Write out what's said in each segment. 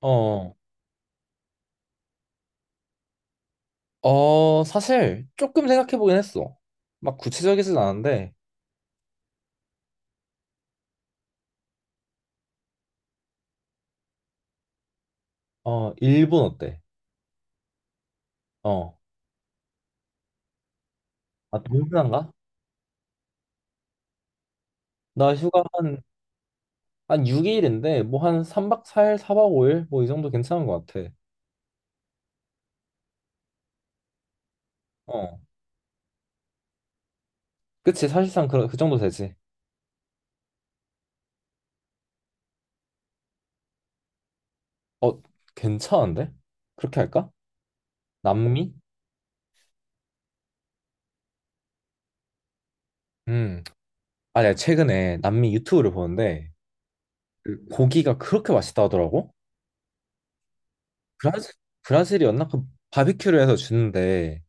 어, 어, 사실 조금 생각해 보긴 했어. 막 구체적이진 않은데, 어, 일본 어때? 어, 아, 동남아인가? 나 휴가 한 6일인데, 뭐 한 3박 4일, 4박 5일? 뭐 이 정도 괜찮은 것 같아. 어, 그치, 사실상 그 정도 되지. 어, 괜찮은데? 그렇게 할까? 남미? 음, 아, 내가 최근에 남미 유튜브를 보는데, 그 고기가 그렇게 맛있다 하더라고? 브라질, 브라질이었나? 그 바비큐를 해서 주는데,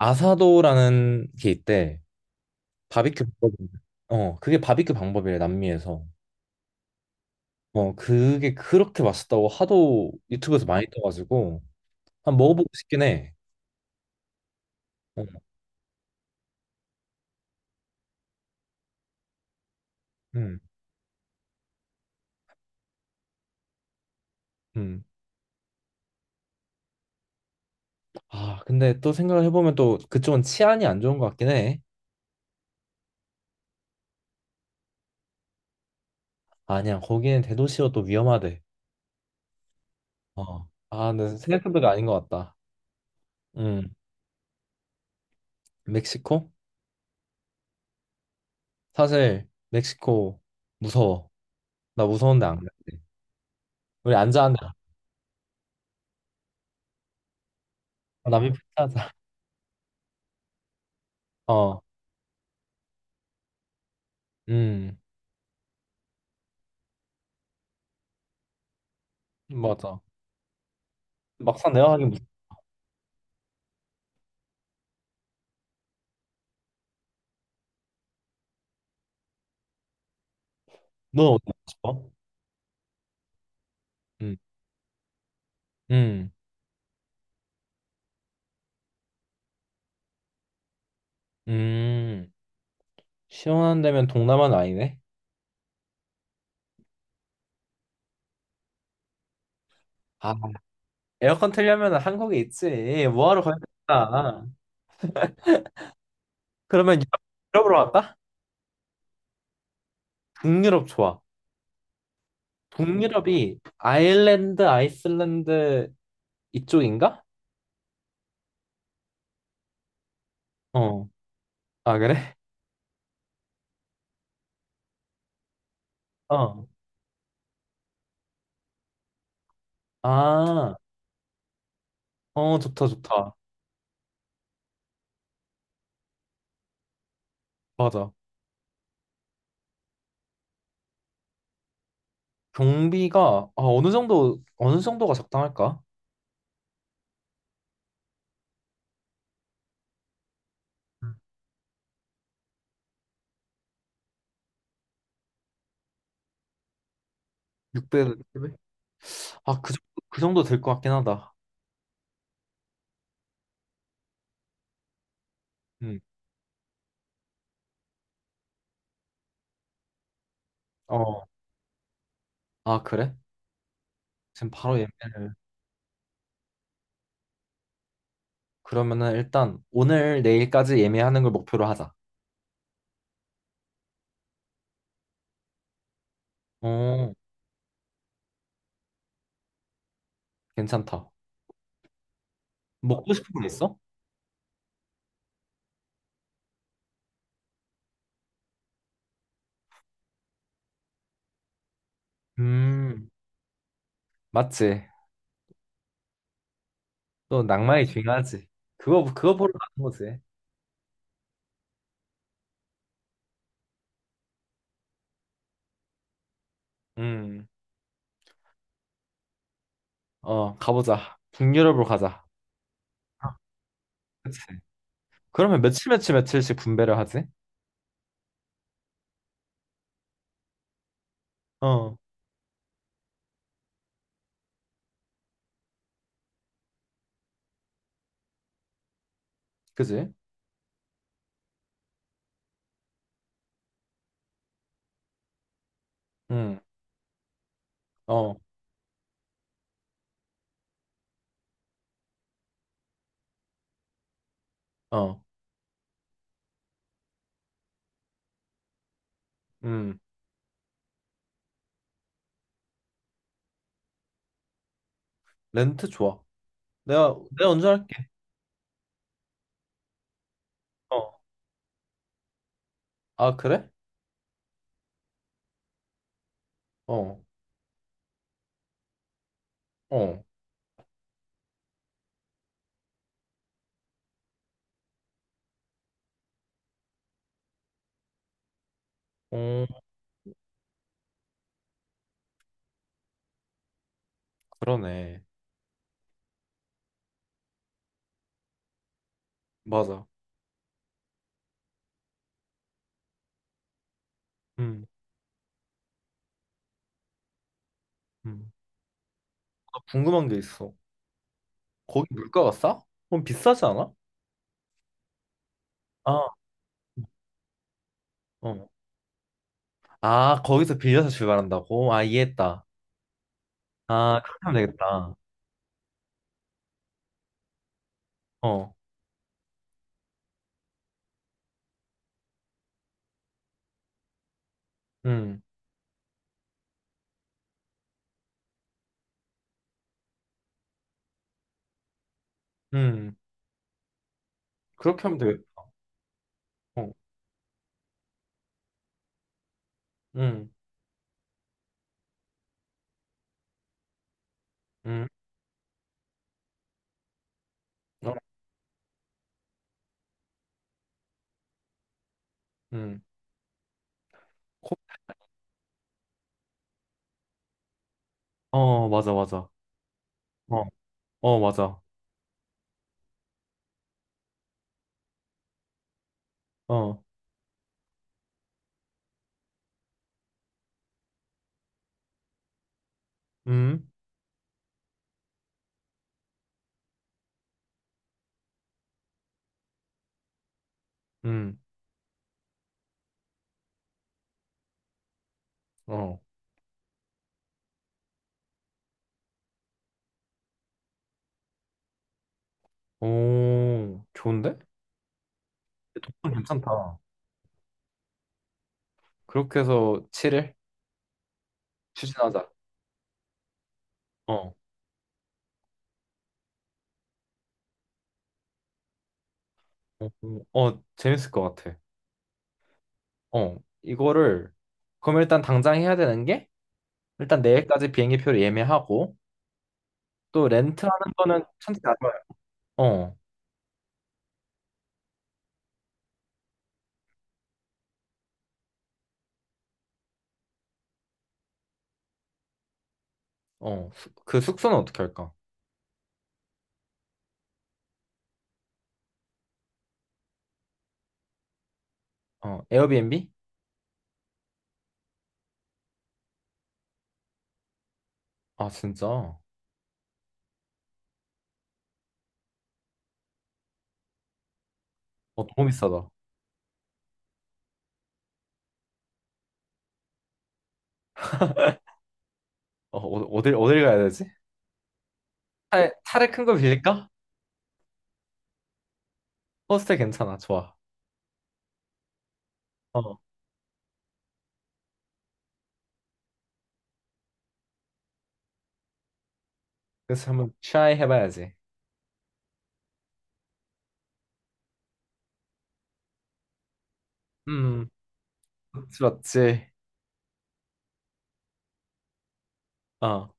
아사도라는 게 있대. 바비큐 방법데 어, 그게 바비큐 방법이래, 남미에서. 어, 그게 그렇게 맛있다고 하도 유튜브에서 많이 떠가지고 한 먹어보고 싶긴 해. 어, 음, 음. 아, 근데 또 생각을 해보면 또 그쪽은 치안이 안 좋은 것 같긴 해. 아니야, 거기는 대도시여 또 위험하대. 어. 아, 근데 생각해보니까 아닌 것 같다. 음, 멕시코? 사실 멕시코 무서워. 나 무서운데 안 갈래. 우리 앉아 앉아. 어, 남미 피하자. 어, 음. 맞아. 막상 내가 하긴 무슨 넌 어디 가고 싶어? 음. 음. 음. 시원한 데면 동남아는 아니네. 아, 에어컨 틀려면 한국에 있지. 뭐하러 거기가? 그러면 유럽으로 갈까? 동유럽 좋아. 동유럽이 아일랜드, 아이슬란드 이쪽인가? 어. 아, 그래? 어. 아, 어, 좋다, 좋다. 맞아. 경비가 아, 어느 정도가 적당할까? 600. 아, 그, 그 정도 될 것 같긴 하다. 음. 어. 아, 그래? 지금 바로 예매를. 그러면은 일단 오늘 내일까지 예매하는 걸 목표로 하자. 어, 괜찮다. 먹고 싶은 거 있어? 음, 맞지. 또 낭만이 중요하지. 그거 그거 보러 가는 거지. 음, 어, 가보자. 북유럽으로 가자. 아, 그치. 그러면 며칠 며칠 며칠씩 분배를 하지? 어, 그지? 음, 어, 어, 음, 렌트 좋아. 내가 운전할게. 어, 아 그래? 어, 어, 어, 그러네. 맞아. 음, 음. 나 궁금한 게 있어. 거기 물가가 싸? 그럼 비싸지 않아? 아, 어. 아, 거기서 빌려서 출발한다고? 아, 이해했다. 아, 그렇게 하면 되겠다. 어, 음, 음. 그렇게 하면 되겠다. 어, 음, 음, 어, 음. 코- 어, 맞아, 맞아. 어, 어, 맞아. 어, 음, 음, 어. 오, 좋은데? 독감 괜찮다. 그렇게 해서 7일 추진하자. 어, 어, 어, 어, 재밌을 것 같아. 어, 이거를, 그럼 일단 당장 해야 되는 게, 일단 내일까지 비행기표를 예매하고, 또 렌트하는 거는 천지 나눠요. 어, 어, 그 숙소는 어떻게 할까? 어, 에어비앤비? 아, 진짜. 어, 너무 비싸다. 어, 어딜 가야 되지? 차를 큰 거 빌릴까? 호스텔 괜찮아, 좋아. 어, 그래서 한번 트라이 해봐야지. 음, 그렇지, 맞지. 어, 어.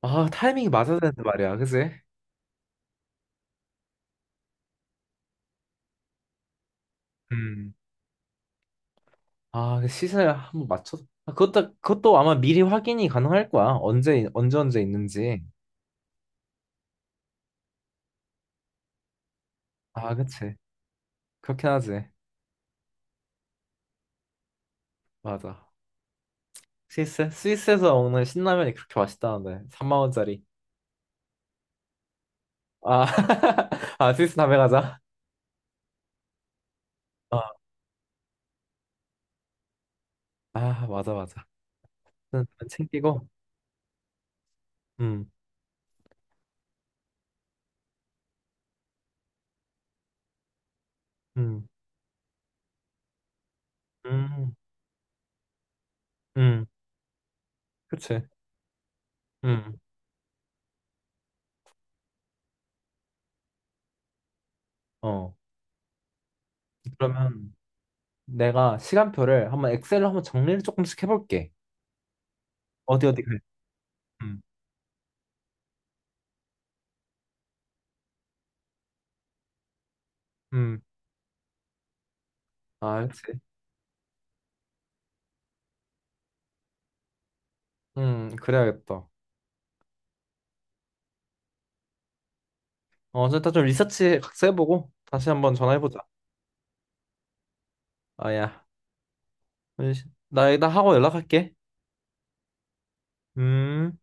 아, 타이밍이 맞아야 되는데 말이야, 그지? 음. 아, 그 시세 한번 맞춰. 아, 그것도 아마 미리 확인이 가능할 거야. 언제 언제 언제 있는지. 아, 그치. 그렇긴 하지. 맞아. 스위스에서 먹는 신라면이 그렇게 맛있다는데 3만 원짜리. 아, 아 스위스 다배 가자. 어. 아, 맞아 맞아. 일단 챙기고. 음, 음, 음, 음. 그치. 음, 어. 그러면 내가 시간표를 한번 엑셀로 한번 정리를 조금씩 해볼게. 어디 어디 갈. 음, 음. 아, 그치. 그래야겠다. 어, 일단 좀 리서치 각자 해보고 다시 한번 전화해보자. 아야. 나 하고 연락할게. 음.